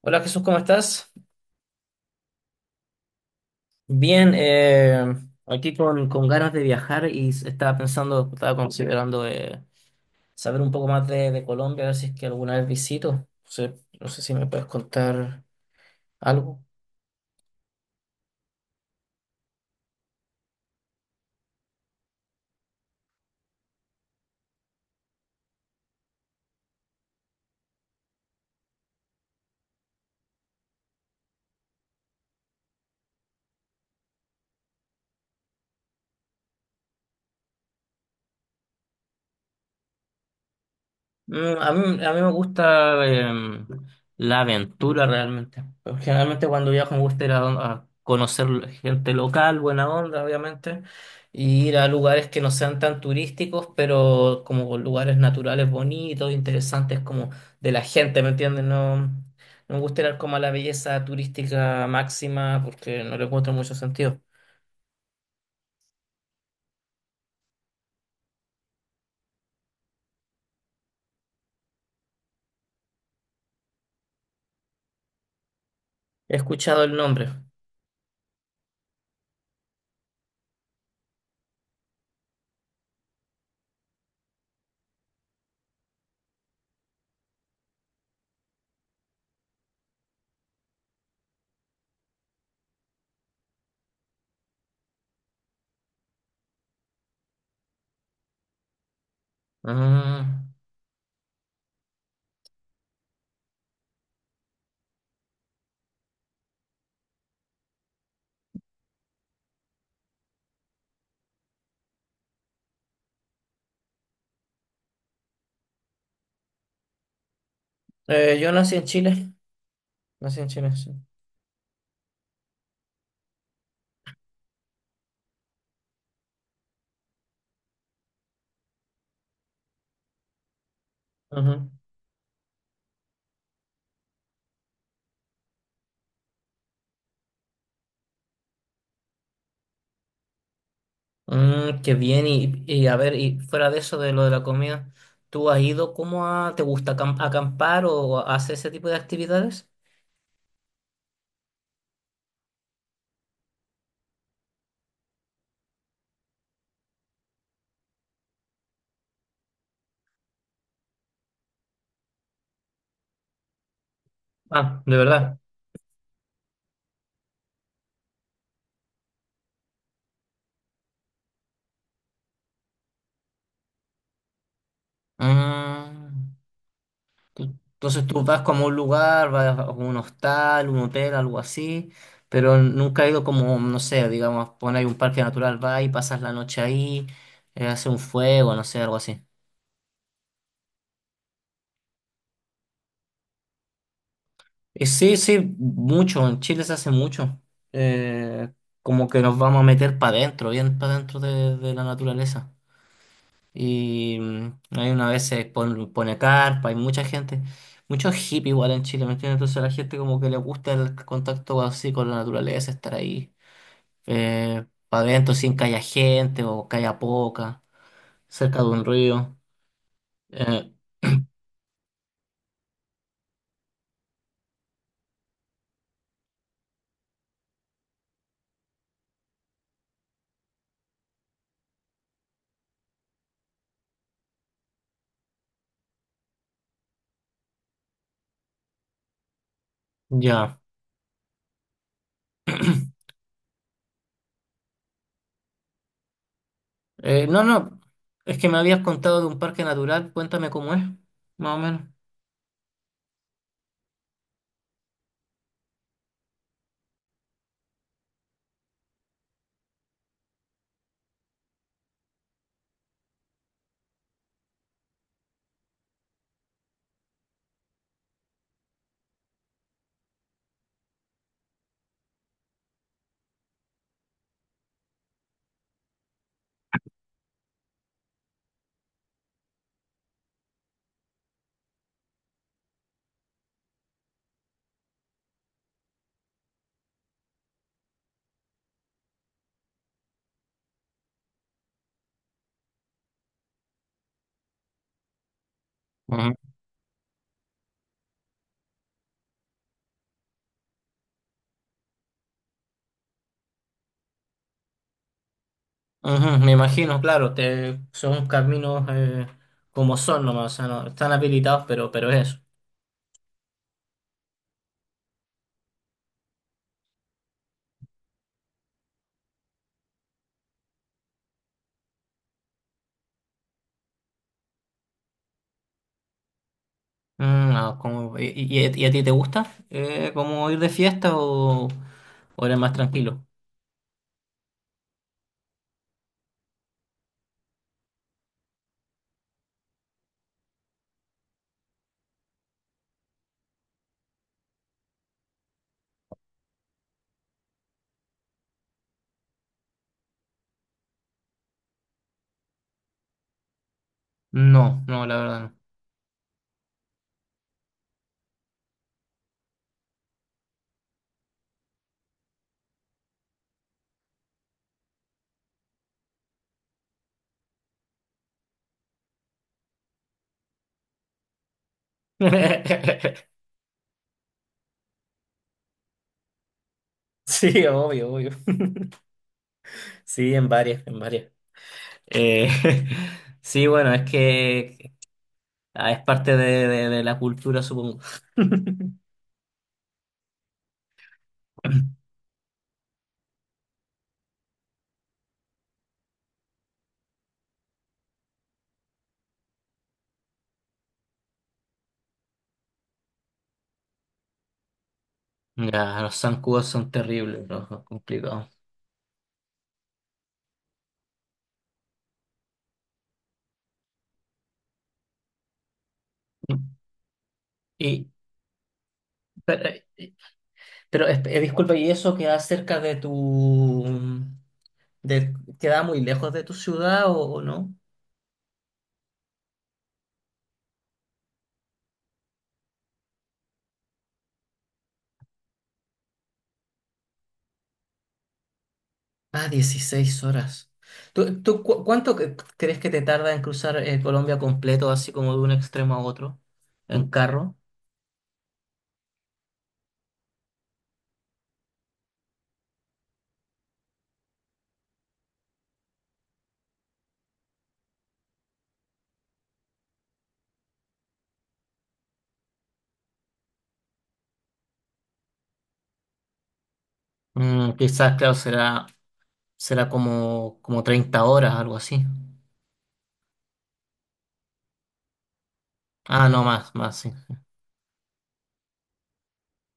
Hola Jesús, ¿cómo estás? Bien, aquí con ganas de viajar y estaba pensando, estaba considerando saber un poco más de Colombia, a ver si es que alguna vez visito. No sé, no sé si me puedes contar algo. Mm, a mí me gusta la aventura realmente. Pero generalmente cuando viajo me gusta ir a conocer gente local, buena onda, obviamente, y ir a lugares que no sean tan turísticos, pero como lugares naturales bonitos, interesantes como de la gente, ¿me entiendes? No me gusta ir como a la belleza turística máxima porque no le encuentro mucho sentido. He escuchado el nombre. Mm. Yo nací en Chile. Nací en Chile, sí. Mm, qué bien, y a ver, y fuera de eso, de lo de la comida, ¿tú has ido te gusta acampar o haces ese tipo de actividades? Ah, ¿de verdad? Ah, tú- entonces tú vas como a un lugar, vas a un hostal, un hotel, algo así, pero nunca he ido como, no sé, digamos, poner un parque natural, vas y pasas la noche ahí, hace un fuego, no sé, algo así. Sí, sí, mucho, en Chile se hace mucho. Eh, Como que nos vamos a meter para adentro, bien para adentro de la naturaleza. Y mm, hay una vez se pone carpa, hay mucha gente, muchos hippies igual en Chile, ¿me entiendes? Entonces a la gente como que le gusta el contacto así con la naturaleza, estar ahí para adentro sin que haya gente o que haya poca, cerca de un río. Eh, ya. No, no, es que me habías contado de un parque natural, cuéntame cómo es, más o menos. Ujú, ujú, me imagino, claro, son caminos como son nomás, o sea, no, están habilitados, pero es eso. Mm, y, y a ti te gusta como ir de fiesta o eres más tranquilo? No, no, la verdad no. Sí, obvio, obvio. Sí, en varias, en varias. Eh, sí, bueno, es que es parte de la cultura, supongo. Ya, los zancudos son terribles, los complicados. Y, pero, eh, disculpa, ¿y eso queda cerca de tu... de- queda muy lejos de tu ciudad o no? Ah, 16 horas. ¿ Cuánto crees que te tarda en cruzar Colombia completo, así como de un extremo a otro, en carro? Mm, quizás, claro, será como, como 30 horas, algo así. Ah, no, más, más, sí.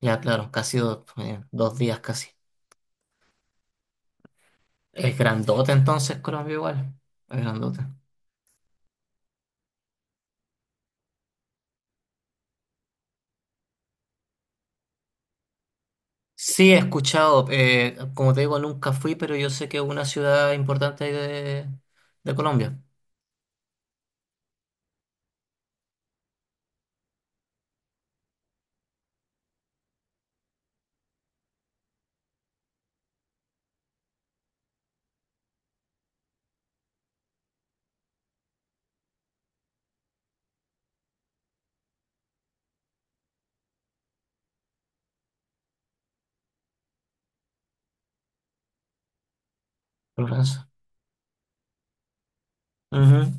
Ya, claro, casi dos, dos días casi. Es grandote entonces Colombia igual. Es grandote. Sí, he escuchado. Como te digo, nunca fui, pero yo sé que es una ciudad importante ahí de Colombia, Florencia. Ujú.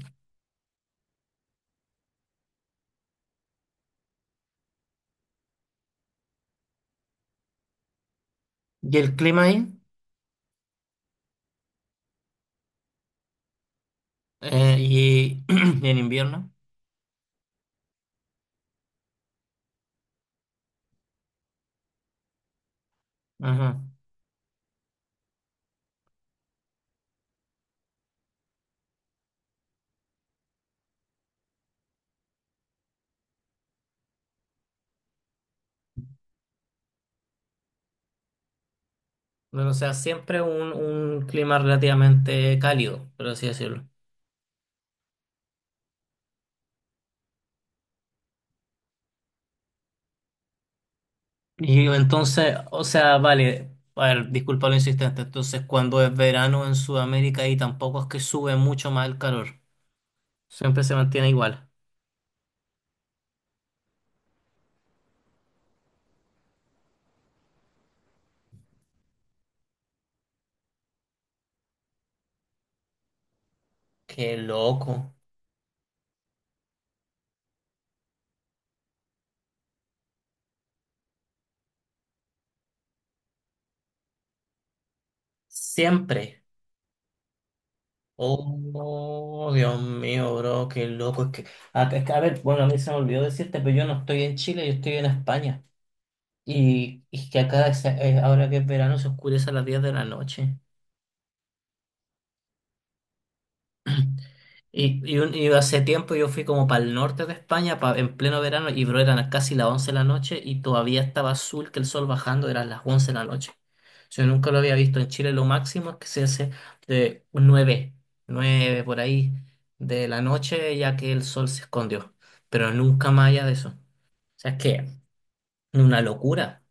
¿Y el clima ahí? Eh, y, ¿y en invierno? Ajá. Bueno, o sea, siempre un clima relativamente cálido, por así decirlo. Y entonces, o sea, vale, a ver, disculpa lo insistente. Entonces, ¿cuando es verano en Sudamérica ahí tampoco es que sube mucho más el calor? Siempre se mantiene igual. Qué loco. Siempre. Oh, Dios mío, bro, qué loco. Es que, a ver, bueno, a mí se me olvidó decirte, pero yo no estoy en Chile, yo estoy en España. Y que acá, ahora que es verano, se oscurece a las 10 de la noche. Y hace tiempo yo fui como para el norte de España en pleno verano y bro, eran casi las 11 de la noche y todavía estaba azul que el sol bajando, eran las 11 de la noche. Yo nunca lo había visto en Chile, lo máximo es que se hace de un 9 9 por ahí de la noche ya que el sol se escondió, pero nunca más allá de eso. O sea, es que una locura.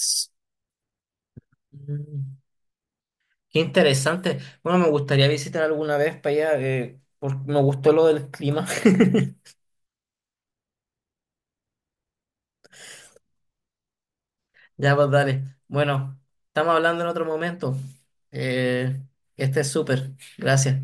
Mm. Qué interesante. Bueno, me gustaría visitar alguna vez para allá, me gustó lo del clima. Ya, pues dale. Bueno, estamos hablando en otro momento. Eh, este es súper. Gracias.